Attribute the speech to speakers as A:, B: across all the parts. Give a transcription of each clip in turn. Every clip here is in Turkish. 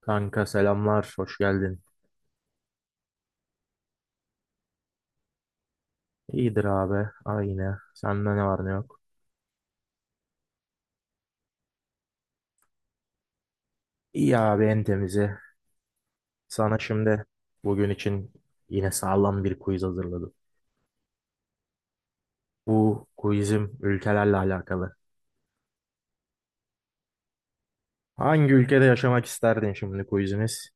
A: Kanka selamlar, hoş geldin. İyidir abi, aynı. Sende ne var ne yok? İyi abi en temizi. Sana şimdi bugün için yine sağlam bir quiz hazırladım. Bu quizim ülkelerle alakalı. Hangi ülkede yaşamak isterdin şimdi quizimiz?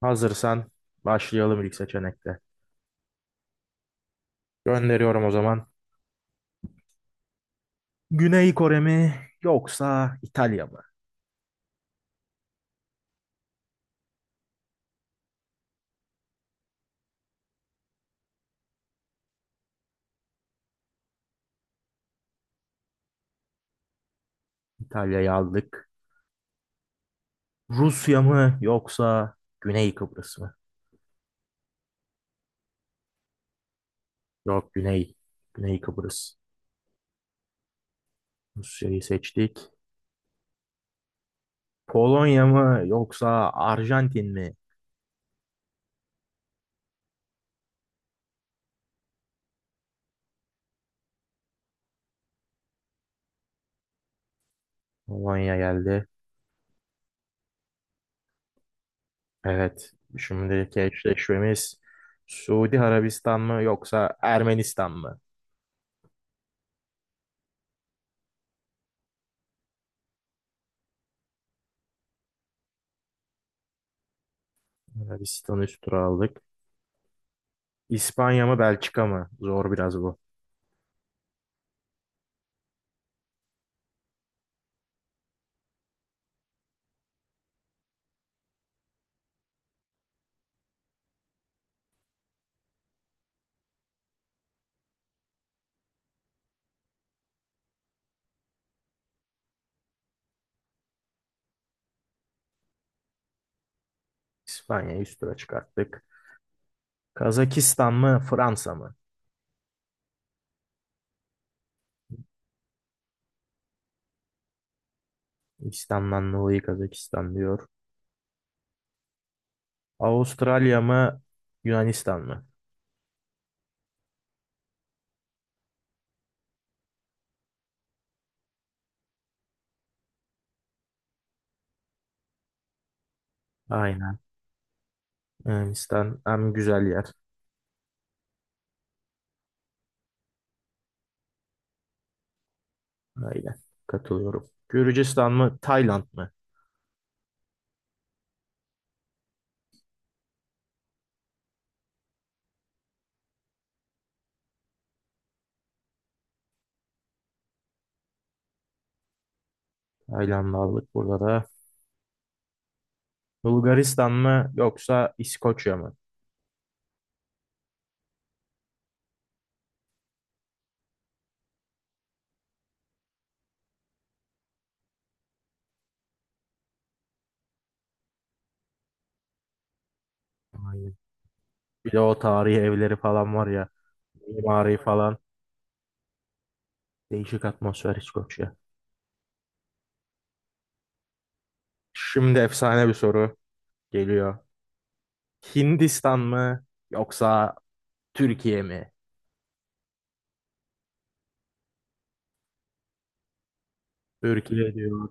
A: Hazırsan başlayalım ilk seçenekte. Gönderiyorum o zaman. Güney Kore mi yoksa İtalya mı? İtalya'yı aldık. Rusya mı yoksa Güney Kıbrıs mı? Yok Güney. Güney Kıbrıs. Rusya'yı seçtik. Polonya mı yoksa Arjantin mi? Polonya geldi. Evet. Şimdiki eşleşmemiz Suudi Arabistan mı yoksa Ermenistan mı? Arabistan'ı üst tura aldık. İspanya mı Belçika mı? Zor biraz bu. İspanya'yı üst tura çıkarttık. Kazakistan mı Fransa mı? İslam'dan dolayı Kazakistan diyor. Avustralya mı Yunanistan mı? Aynen. Yunanistan en güzel yer. Aynen. Katılıyorum. Gürcistan mı? Tayland mı? Tayland'ı aldık burada da. Bulgaristan mı? Yoksa İskoçya mı? Aynen. Bir de o tarihi evleri falan var ya. Mimari falan. Değişik atmosfer İskoçya. Şimdi efsane bir soru geliyor. Hindistan mı? Yoksa Türkiye mi? Türkiye diyor.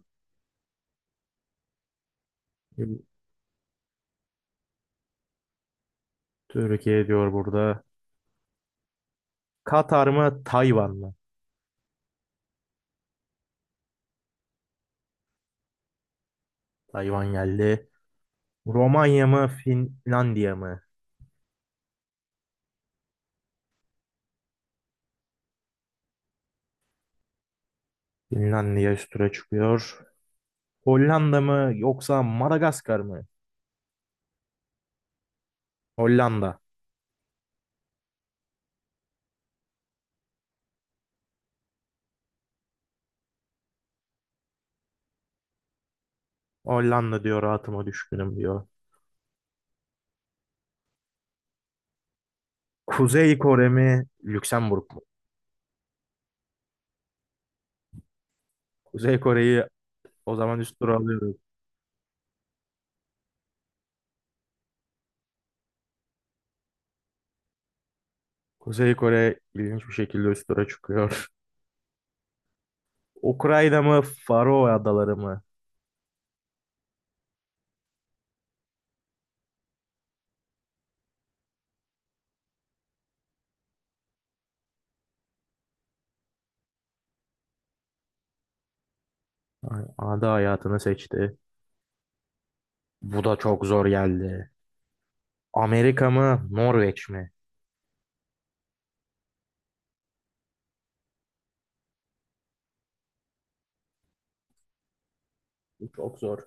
A: Türkiye diyor burada. Katar mı? Tayvan mı? Tayvan geldi. Romanya mı? Finlandiya mı? Finlandiya üst tura çıkıyor. Hollanda mı yoksa Madagaskar mı? Hollanda. Hollanda diyor rahatıma düşkünüm diyor. Kuzey Kore mi Lüksemburg mu? Kuzey Kore'yi o zaman üst tura alıyoruz. Kuzey Kore ilginç bir şekilde üst tura çıkıyor. Ukrayna mı Faroe Adaları mı? Ay, Ada hayatını seçti. Bu da çok zor geldi. Amerika mı Norveç mi? Bu çok zor.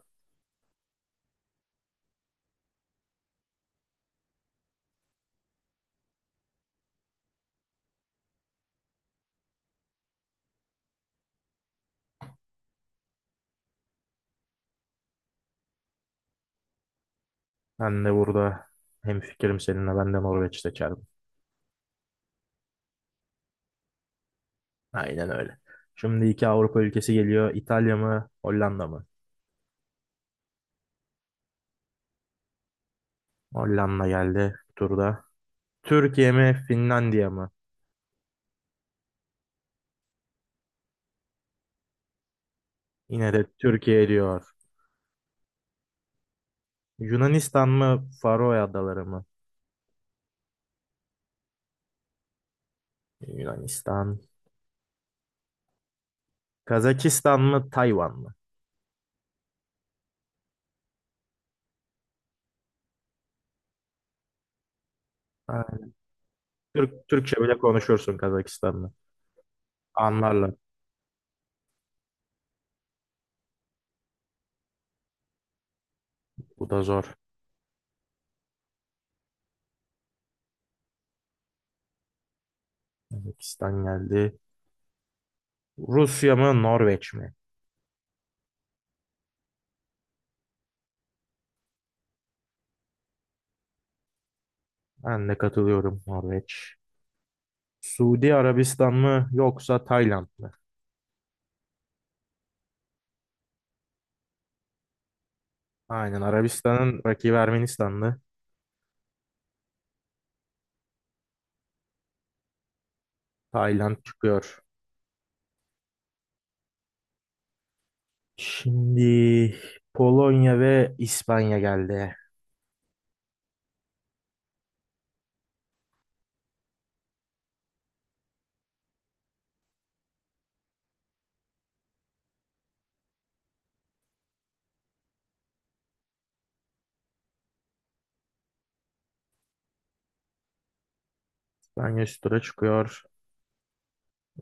A: Ben de burada hemfikirim seninle ben de Norveç seçerim. Aynen öyle. Şimdi iki Avrupa ülkesi geliyor. İtalya mı, Hollanda mı? Hollanda geldi bu turda. Türkiye mi, Finlandiya mı? Yine de Türkiye diyor. Yunanistan mı, Faroe Adaları mı? Yunanistan. Kazakistan mı, Tayvan mı? Ha, Türkçe bile konuşursun Kazakistan'la. Anlarlar. Bu da zor. Kazakistan geldi. Rusya mı, Norveç mi? Ben de katılıyorum Norveç. Suudi Arabistan mı yoksa Tayland mı? Aynen Arabistan'ın rakibi Ermenistan'dı. Tayland çıkıyor. Şimdi Polonya ve İspanya geldi. İspanya üst tura çıkıyor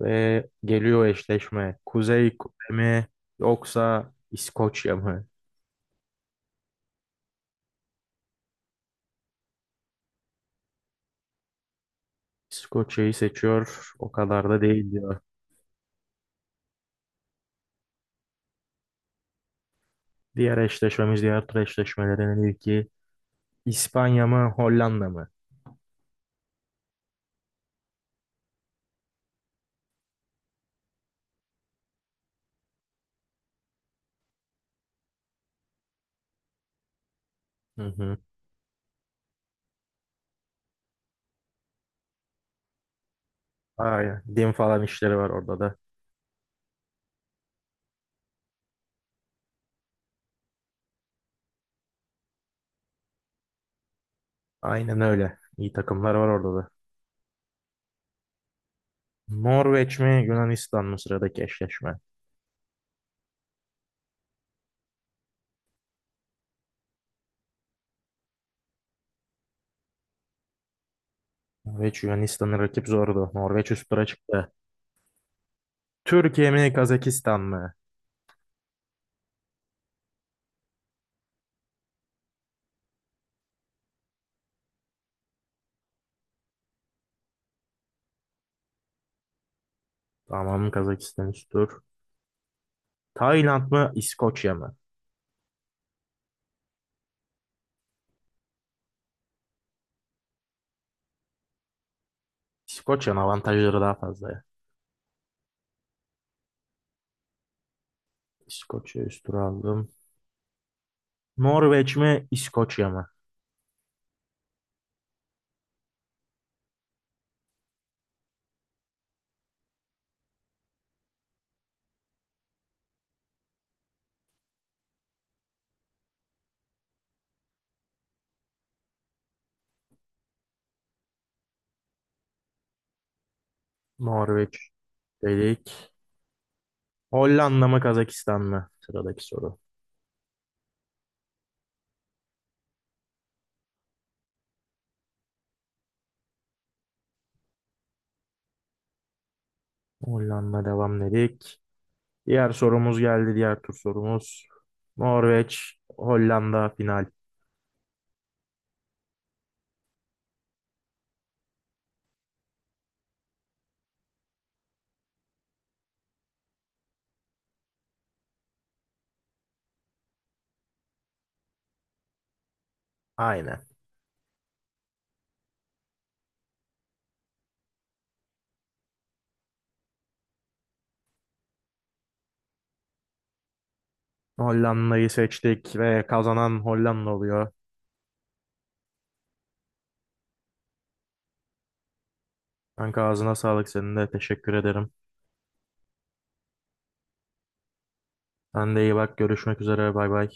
A: ve geliyor eşleşme. Kuzey Kore mi yoksa İskoçya mı? İskoçya'yı seçiyor. O kadar da değil diyor. Diğer eşleşmemiz, diğer tur eşleşmelerinin ilki İspanya mı Hollanda mı? Hı hı. Aynen. Din falan işleri var orada da. Aynen öyle. İyi takımlar var orada da. Norveç mi Yunanistan mı sıradaki eşleşme? Norveç Yunanistan'ı rakip zordu. Norveç üst tura çıktı. Türkiye mi Kazakistan mı? Tamam Kazakistan üst tur. Tayland mı İskoçya mı? İskoçya'nın avantajları daha fazla ya. İskoçya üst tura aldım. Norveç mi İskoçya mı? Norveç dedik. Hollanda mı Kazakistan mı? Sıradaki soru. Hollanda devam dedik. Diğer sorumuz geldi. Diğer tur sorumuz. Norveç, Hollanda final. Aynen. Hollanda'yı seçtik ve kazanan Hollanda oluyor. Kanka ağzına sağlık senin de teşekkür ederim. Sen de iyi bak görüşmek üzere bay bay.